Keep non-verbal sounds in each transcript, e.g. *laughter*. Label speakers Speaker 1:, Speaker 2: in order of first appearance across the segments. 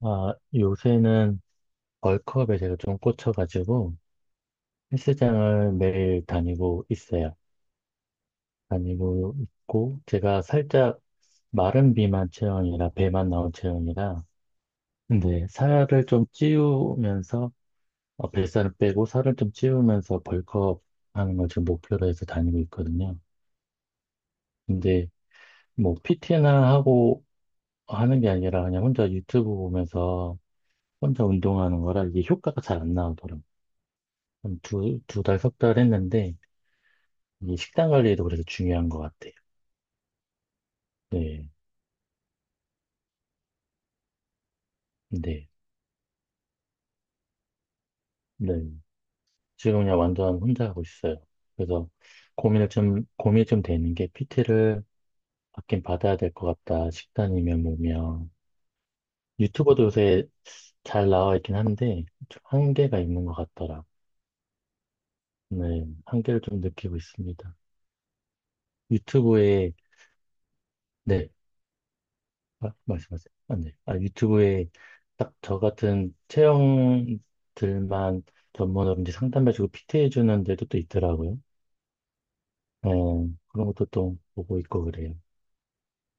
Speaker 1: 아, 요새는 벌크업에 제가 좀 꽂혀가지고 헬스장을 매일 다니고 있어요. 다니고 있고 제가 살짝 마른 비만 체형이라 배만 나온 체형이라 근데 살을 좀 찌우면서 뱃살을 빼고 살을 좀 찌우면서 벌크업 하는 걸 지금 목표로 해서 다니고 있거든요. 근데 뭐 PT나 하고 하는 게 아니라 그냥 혼자 유튜브 보면서 혼자 운동하는 거라 이게 효과가 잘 안 나오더라고요. 한 두 달, 석 달 했는데, 이 식단 관리도 그래서 중요한 것 같아요. 네, 네, 네. 지금 그냥 완전 혼자 하고 있어요. 그래서 고민을 좀, 고민이 좀 되는 게 PT를 받긴 받아야 될 것 같다. 식단이면 뭐면. 유튜버도 요새 잘 나와 있긴 한데, 좀 한계가 있는 것 같더라. 네, 한계를 좀 느끼고 있습니다. 유튜브에, 네, 아, 말씀하세요. 아, 네. 아, 유튜브에 딱 저 같은 체형들만 전문으로 이제 상담해주고 PT해주는 데도 또 있더라고요. 어, 그런 것도 또 보고 있고 그래요.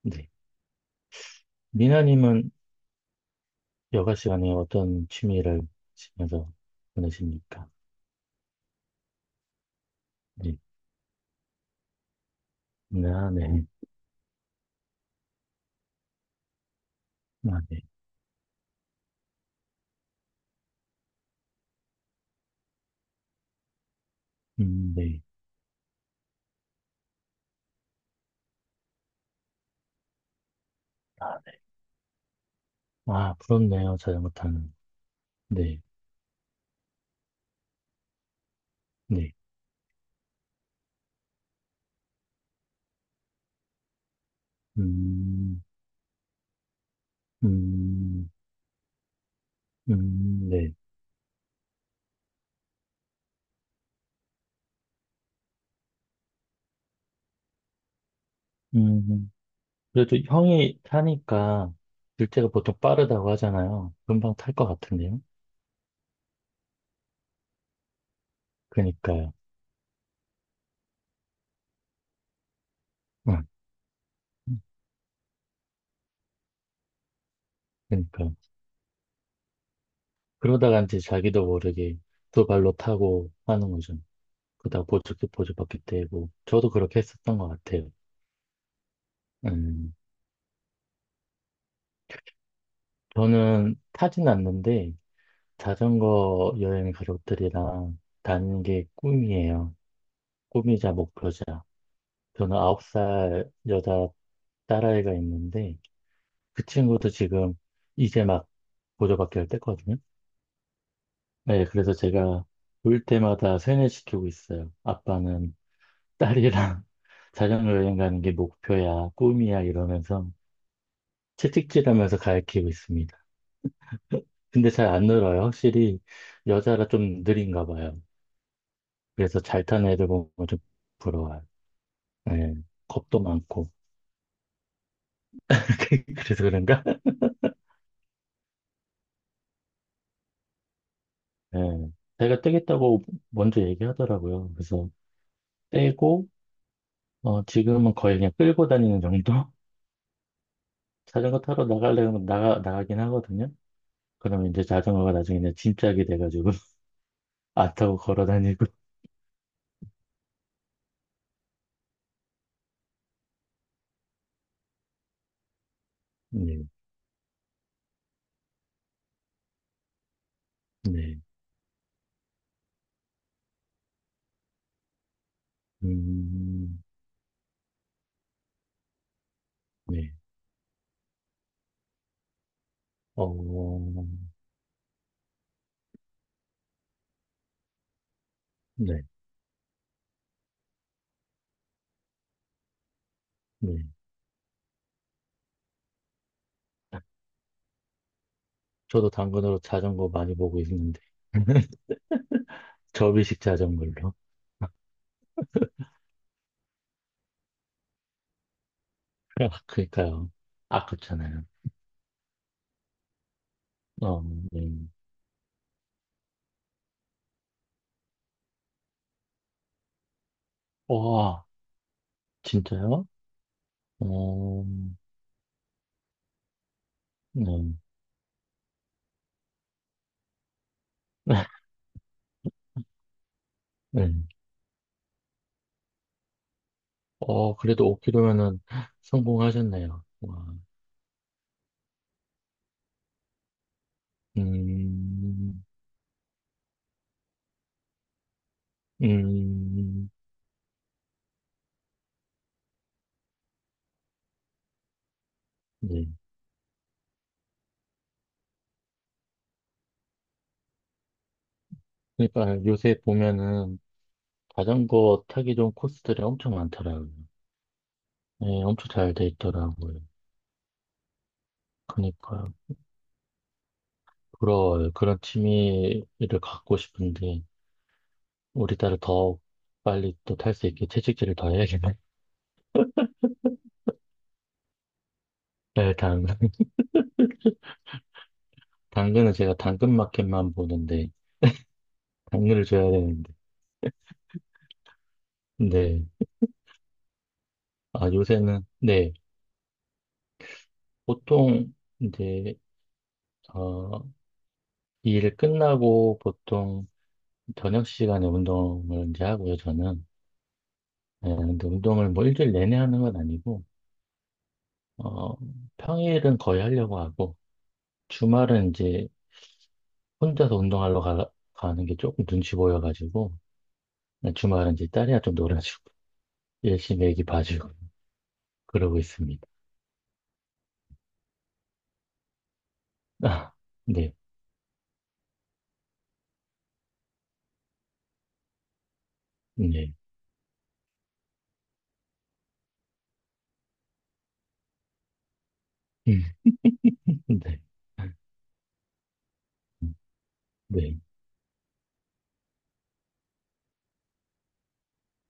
Speaker 1: 네. 미나님은 여가 시간에 어떤 취미를 하시면서 보내십니까? 네. 네, 아, 네. 아, 네. 네. 아, 네. 아, 부럽네요. 자전거 타는. 네. 네. 음, 음, 네. 음. 음. 그래도 형이 타니까 둘째가 보통 빠르다고 하잖아요. 금방 탈 것 같은데요? 그니까요. 응. 그니까요. 그러다가 이제 자기도 모르게 두 발로 타고 하는 거죠. 그러다 보조기 보조바퀴 떼고. 저도 그렇게 했었던 것 같아요. 음. 저는 타진 않는데 자전거 여행 가족들이랑 다니는 게 꿈이에요. 꿈이자 목표자. 저는 아홉 살 여자 딸아이가 있는데 그 친구도 지금 이제 막 보조받기 를 때거든요. 네, 그래서 제가 올 때마다 세뇌시키고 있어요. 아빠는 딸이랑 *laughs* 자전거 여행 가는 게 목표야, 꿈이야 이러면서 채찍질하면서 가르치고 있습니다. *laughs* 근데 잘 안 늘어요. 확실히 여자라 좀 느린가 봐요. 그래서 잘 타는 애들 보면 좀 부러워요. 네, 겁도 많고. *laughs* 그래서 그런가? 네, 제가 떼겠다고 먼저 얘기하더라고요. 그래서 떼고 지금은 거의 그냥 끌고 다니는 정도? *laughs* 자전거 타러 나갈래 면 나가, 나가긴 하거든요. 그러면 이제 자전거가 나중에 이제 짐짝이 돼가지고 *laughs* 안 타고 걸어 다니고. *laughs* 네, 네, 음, 네, 어, 네, 네. 저도 당근으로 자전거 많이 보고 있는데. *laughs* 접이식 자전거로. *laughs* 그러니까요. 아깝잖아요. 어, 네. 와, 진짜요? 어, 네. *laughs* 네. 그래도 5km면은 성공하셨네요. 와. 음, 음, 네. 그러니까 요새 보면은 자전거 타기 좋은 코스들이 엄청 많더라고요. 네, 엄청 잘 돼 있더라고요. 그러니까 부러워요. 그런 취미를 갖고 싶은데 우리 딸을 더 빨리 또 탈 수 있게 채찍질을 더 해야겠네. *laughs* 네, 당근. 당근은 제가 당근마켓만 보는데 당근을 줘야 되는데. 네. 아, 요새는 네. 보통 이제 어, 일 끝나고 보통 저녁 시간에 운동을 이제 하고요, 저는. 네, 근데 운동을 뭐 일주일 내내 하는 건 아니고, 어, 평일은 거의 하려고 하고, 주말은 이제 혼자서 운동하러 가는 게 조금 눈치 보여가지고, 예, 주말은 이제 딸이랑 좀 놀아주고, *laughs* 열심히 애기 봐주고, 그러고 있습니다. *laughs* 아, 네, 네, 음, 네, 음, 네.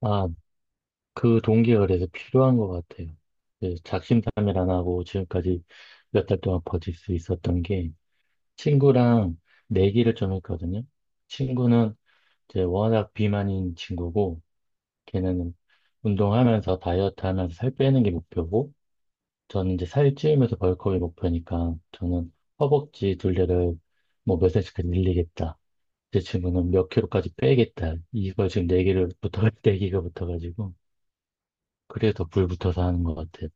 Speaker 1: 아, 그 동기가 그래서 필요한 것 같아요. 그 작심삼일 안 하고 지금까지 몇 달 동안 버틸 수 있었던 게 친구랑 내기를 좀 했거든요. 친구는 이제 워낙 비만인 친구고 걔는 운동하면서 다이어트 하면서 살 빼는 게 목표고 저는 이제 살 찌우면서 벌크업이 목표니까 저는 허벅지 둘레를 뭐 몇 센치까지 늘리겠다. 제 친구는 몇 킬로까지 빼겠다. 이걸 지금 내기를 붙어, *laughs* 내기가 붙어가지고 그래서 불 붙어서 하는 것 같아요.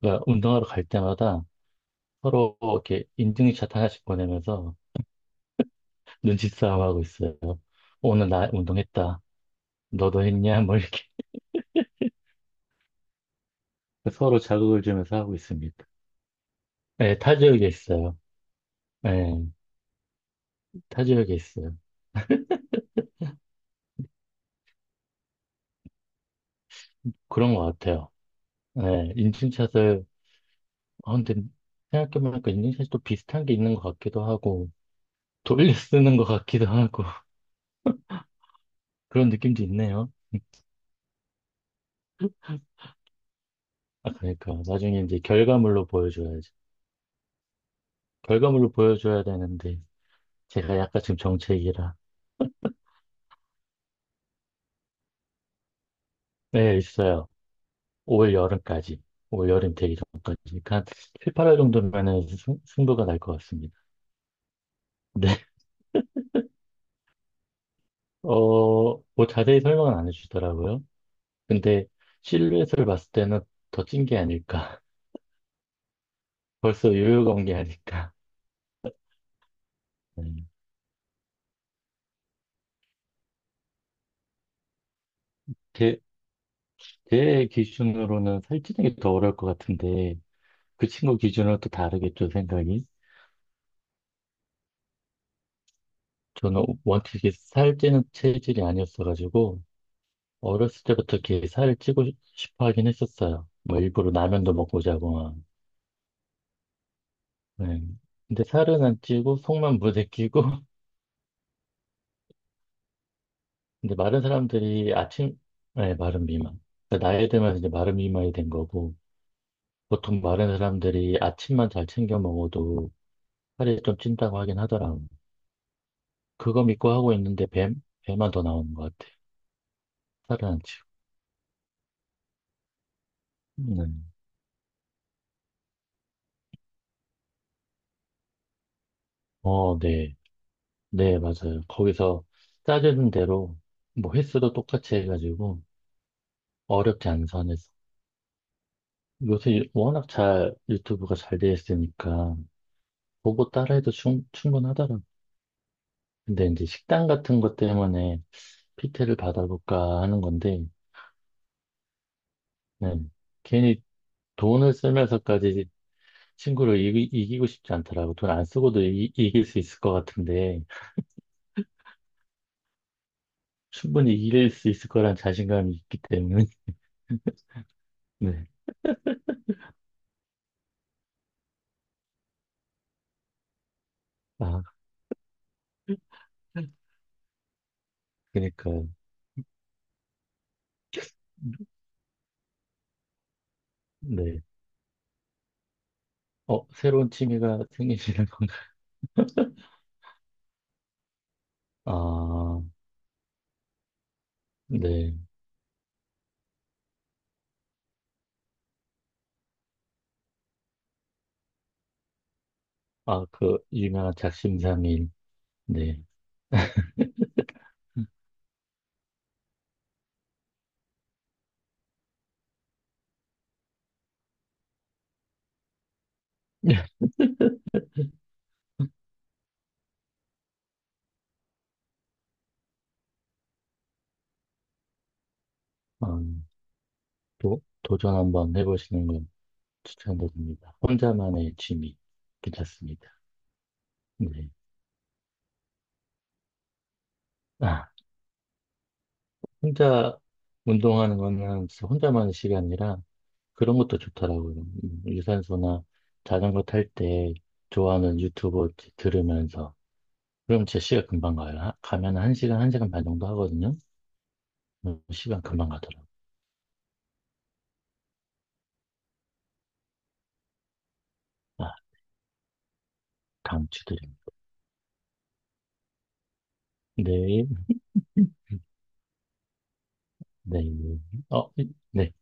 Speaker 1: 그러니까 운동하러 갈 때마다 서로 이렇게 인증샷 하나씩 보내면서 눈치싸움하고 있어요. 오늘 나 운동했다. 너도 했냐? 뭐 이렇게 *laughs* 서로 자극을 주면서 하고 있습니다. 네, 타 지역에 있어요. 네, 타 지역에 있어요. 그런 것 같아요. 네, 인증샷을, 아, 근데 생각해보니까 인증샷이 또 비슷한 게 있는 것 같기도 하고, 돌려 *laughs* 쓰는 것 같기도 하고, *laughs* 그런 느낌도 있네요. 아, 그러니까. 나중에 이제 결과물로 보여줘야지. 결과물로 보여줘야 되는데, 제가 약간 지금 정체기라. 네, 있어요. 올 여름까지. 올 여름 되기 전까지. 그러니까 한 7, 8월 정도면은 승부가 날 것 같습니다. 네. 어, 뭐 자세히 설명은 안 해주시더라고요. 근데 실루엣을 봤을 때는 더 찐 게 아닐까. *laughs* 벌써 요요가 온 게 아닐까. 네. 제, 제 기준으로는 살찌는 게 더 어려울 것 같은데 그 친구 기준으로 또 다르겠죠, 생각이. 저는 원칙이 살찌는 체질이 아니었어가지고 어렸을 때부터 이렇게 살을 찌고 싶어 하긴 했었어요. 뭐 일부러 라면도 먹고 자고 막. 네. 근데 살은 안 찌고 속만 무대끼고 *laughs* 근데 마른 사람들이 아침 네, 마른 미만. 그러니까 나이 들면서 이제 마른 미만이 된 거고 보통 마른 사람들이 아침만 잘 챙겨 먹어도 살이 좀 찐다고 하긴 하더라고. 그거 믿고 하고 있는데 뱀 배만 더 나오는 것 같아. 살은 안 찌고. 네. 어, 네. 네, 맞아요. 거기서 짜주는 대로 뭐 횟수도 똑같이 해가지고 어렵게 안 선에서 요새 워낙 잘 유튜브가 잘 돼 있으니까 보고 따라해도 충분하더라고. 근데 이제 식단 같은 것 때문에 PT를 받아볼까 하는 건데, 네. 괜히 돈을 쓰면서까지 친구를 이기, 고 싶지 않더라고. 돈 안 쓰고도 이길 수 있을 것 같은데, 충분히 이길 수 있을 거란 자신감이 있기 때문에, *laughs* 네. 아, 그니까, 네. 어, 새로운 취미가 생기시는 건가? *laughs* 아, 네. 아, 그, 유명한 작심삼일. 네. *laughs* 음, 도전 한번 해보시는 건 추천드립니다. 혼자만의 취미. 괜찮습니다. 네. 아, 혼자 운동하는 거는 진짜 혼자만의 시간이라 그런 것도 좋더라고요. 유산소나 자전거 탈 때 좋아하는 유튜브 이렇게 들으면서. 그럼 제 시간 금방 가요. 가면 한 시간, 한 시간 반 정도 하거든요. 시간 금방 가더라고요. 아, 강추드립니다. 네. 네. 어, 네.